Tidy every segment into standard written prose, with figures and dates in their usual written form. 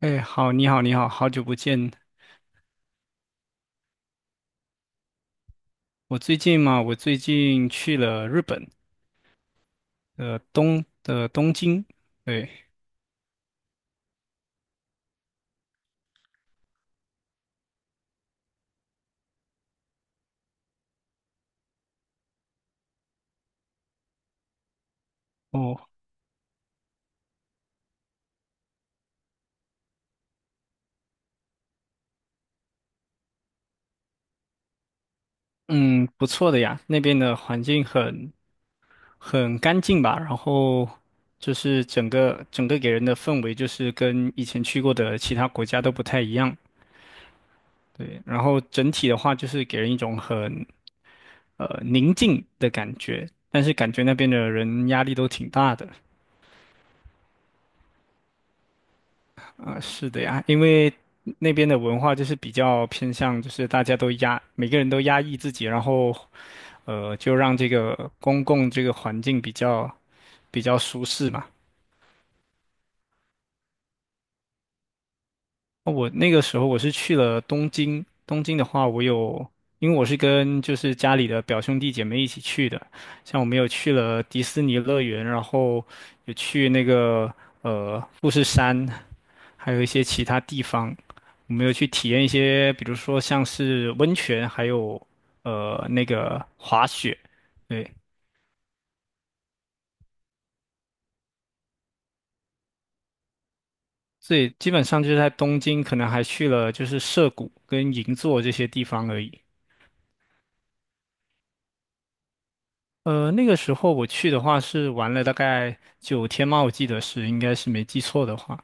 哎，好，你好，你好，好久不见。我最近去了日本的东京，对，哦，嗯，不错的呀。那边的环境很干净吧，然后就是整个给人的氛围就是跟以前去过的其他国家都不太一样，对，然后整体的话就是给人一种很宁静的感觉，但是感觉那边的人压力都挺大的。是的呀，因为那边的文化就是比较偏向，就是大家都压，每个人都压抑自己，然后就让这个公共这个环境比较舒适嘛。我那个时候是去了东京。东京的话，因为我是跟就是家里的表兄弟姐妹一起去的，像我们有去了迪士尼乐园，然后有去那个富士山，还有一些其他地方。我们有去体验一些，比如说像是温泉，还有那个滑雪，对，所以基本上就是在东京，可能还去了就是涩谷跟银座这些地方而已。那个时候我去的话是玩了大概9天嘛，我记得是，应该是没记错的话。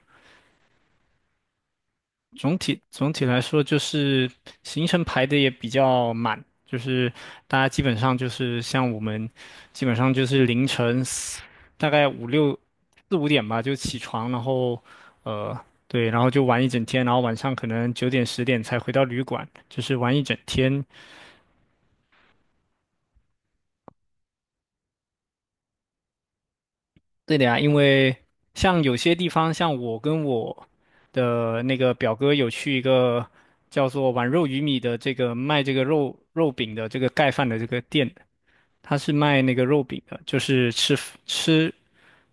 总体来说，就是行程排的也比较满，就是大家基本上就是像我们，基本上就是凌晨大概四五点吧就起床，然后呃对，然后就玩一整天，然后晚上可能9点10点才回到旅馆，就是玩一整天。对的呀，因为像有些地方，像我跟我的那个表哥有去一个叫做“碗肉鱼米”的这个卖这个肉饼的这个盖饭的这个店，他是卖那个肉饼的，就是吃，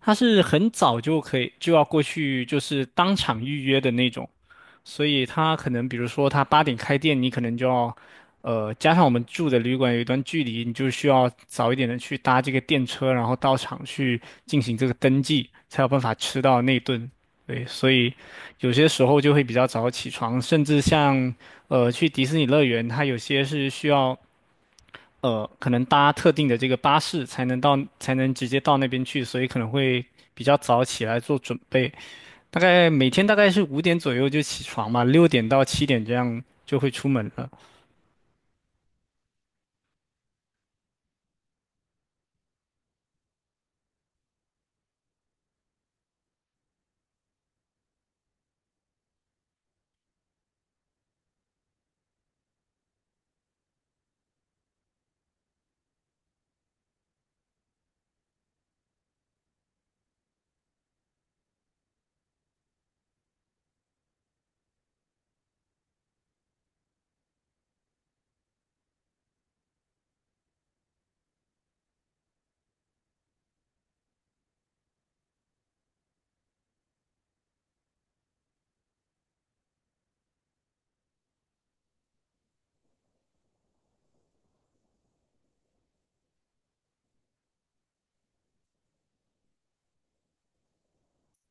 他是很早就可以就要过去，就是当场预约的那种，所以他可能比如说他8点开店，你可能就要，加上我们住的旅馆有一段距离，你就需要早一点的去搭这个电车，然后到场去进行这个登记，才有办法吃到那顿。对，所以有些时候就会比较早起床，甚至像去迪士尼乐园，它有些是需要可能搭特定的这个巴士才能到，才能直接到那边去，所以可能会比较早起来做准备。大概每天是五点左右就起床嘛，6点到7点这样就会出门了。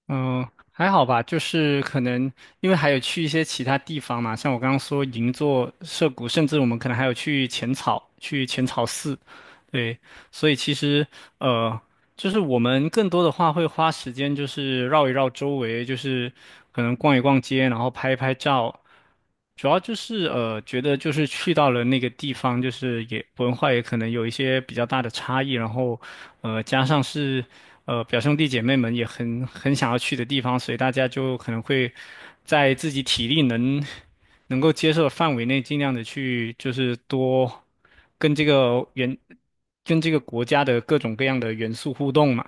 嗯、还好吧，就是可能因为还有去一些其他地方嘛，像我刚刚说银座、涩谷，甚至我们可能还有去浅草，去浅草寺，对，所以其实呃。就是我们更多的话会花时间，就是绕一绕周围，就是可能逛一逛街，然后拍一拍照。主要就是觉得就是去到了那个地方，就是也文化也可能有一些比较大的差异，然后加上是表兄弟姐妹们也很想要去的地方，所以大家就可能会在自己体力能够接受的范围内，尽量的去就是多跟这个原。跟这个国家的各种各样的元素互动嘛。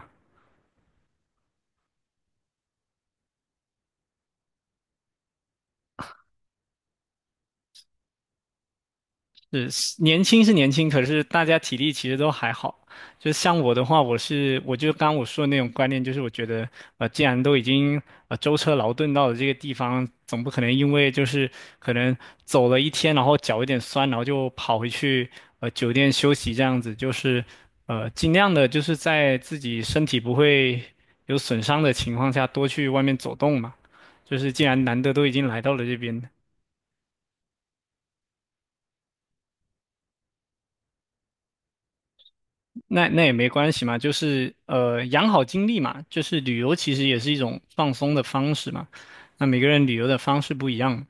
是年轻是年轻，可是大家体力其实都还好。就像我的话，我就刚说的那种观念，就是我觉得既然都已经舟车劳顿到了这个地方，总不可能因为就是可能走了一天，然后脚有点酸，然后就跑回去酒店休息这样子，就是尽量的就是在自己身体不会有损伤的情况下，多去外面走动嘛。就是既然难得都已经来到了这边，那也没关系嘛，就是养好精力嘛，就是旅游其实也是一种放松的方式嘛。那每个人旅游的方式不一样，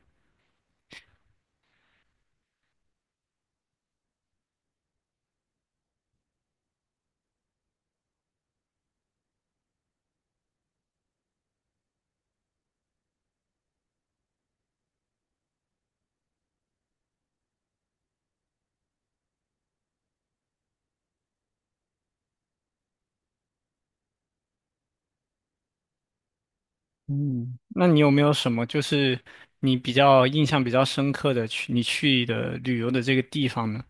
嗯。那你有没有什么就是你比较印象比较深刻的你去的旅游的这个地方呢？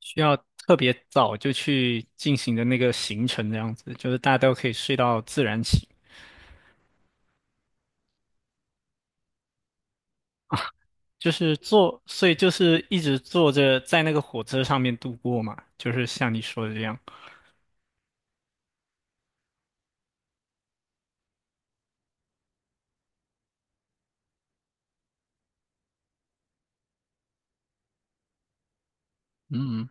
需要特别早就去进行的那个行程，这样子就是大家都可以睡到自然醒，就是坐，所以就是一直坐着在那个火车上面度过嘛，就是像你说的这样。嗯，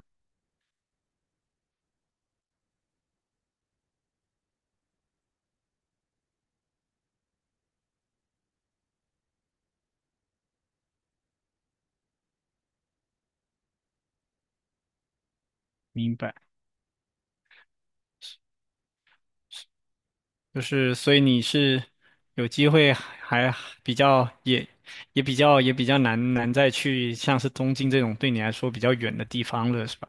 明白。就是，所以你是有机会还比较也也比较也比较难难再去像是东京这种对你来说比较远的地方了，是吧？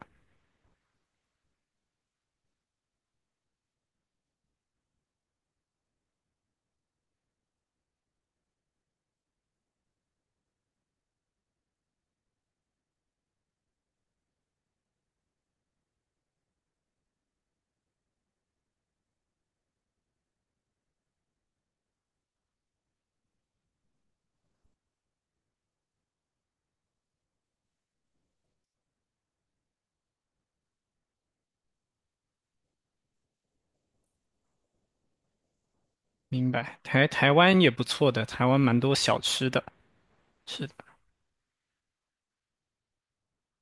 明白。台湾也不错的，台湾蛮多小吃的。是的，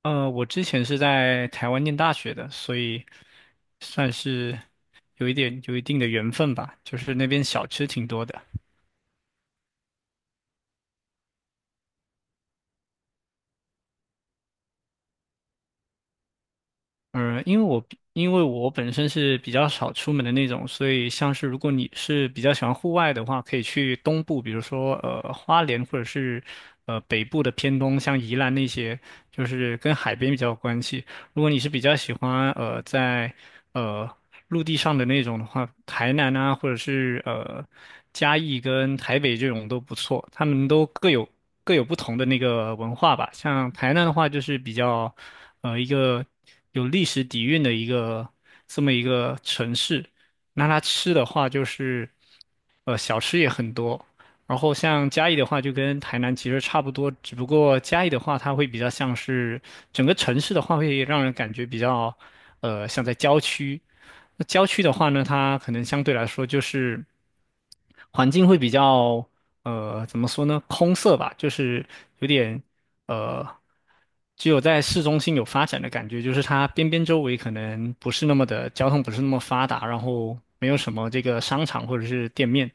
我之前是在台湾念大学的，所以算是有一定的缘分吧，就是那边小吃挺多的。嗯，因为我本身是比较少出门的那种，所以像是如果你是比较喜欢户外的话，可以去东部，比如说花莲或者是北部的偏东，像宜兰那些，就是跟海边比较有关系。如果你是比较喜欢在呃陆地上的那种的话，台南啊或者是嘉义跟台北这种都不错，他们都各有不同的那个文化吧。像台南的话，就是比较。一个有历史底蕴的这么一个城市。那它吃的话，就是小吃也很多，然后像嘉义的话，就跟台南其实差不多，只不过嘉义的话，它会比较像是整个城市的话，会让人感觉比较，像在郊区。那郊区的话呢，它可能相对来说就是环境会比较，怎么说呢，空色吧，就是有点，呃，只有在市中心有发展的感觉，就是它边周围可能不是那么的交通不是那么发达，然后没有什么这个商场或者是店面。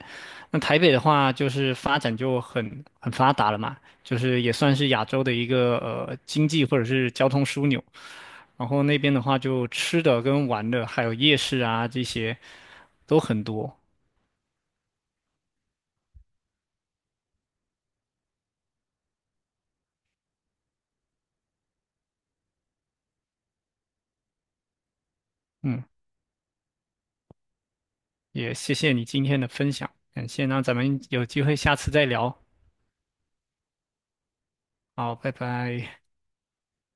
那台北的话，就是发展就很发达了嘛，就是也算是亚洲的一个经济或者是交通枢纽。然后那边的话，就吃的跟玩的，还有夜市啊这些都很多。嗯，也谢谢你今天的分享，感谢。那咱们有机会下次再聊。好，拜拜。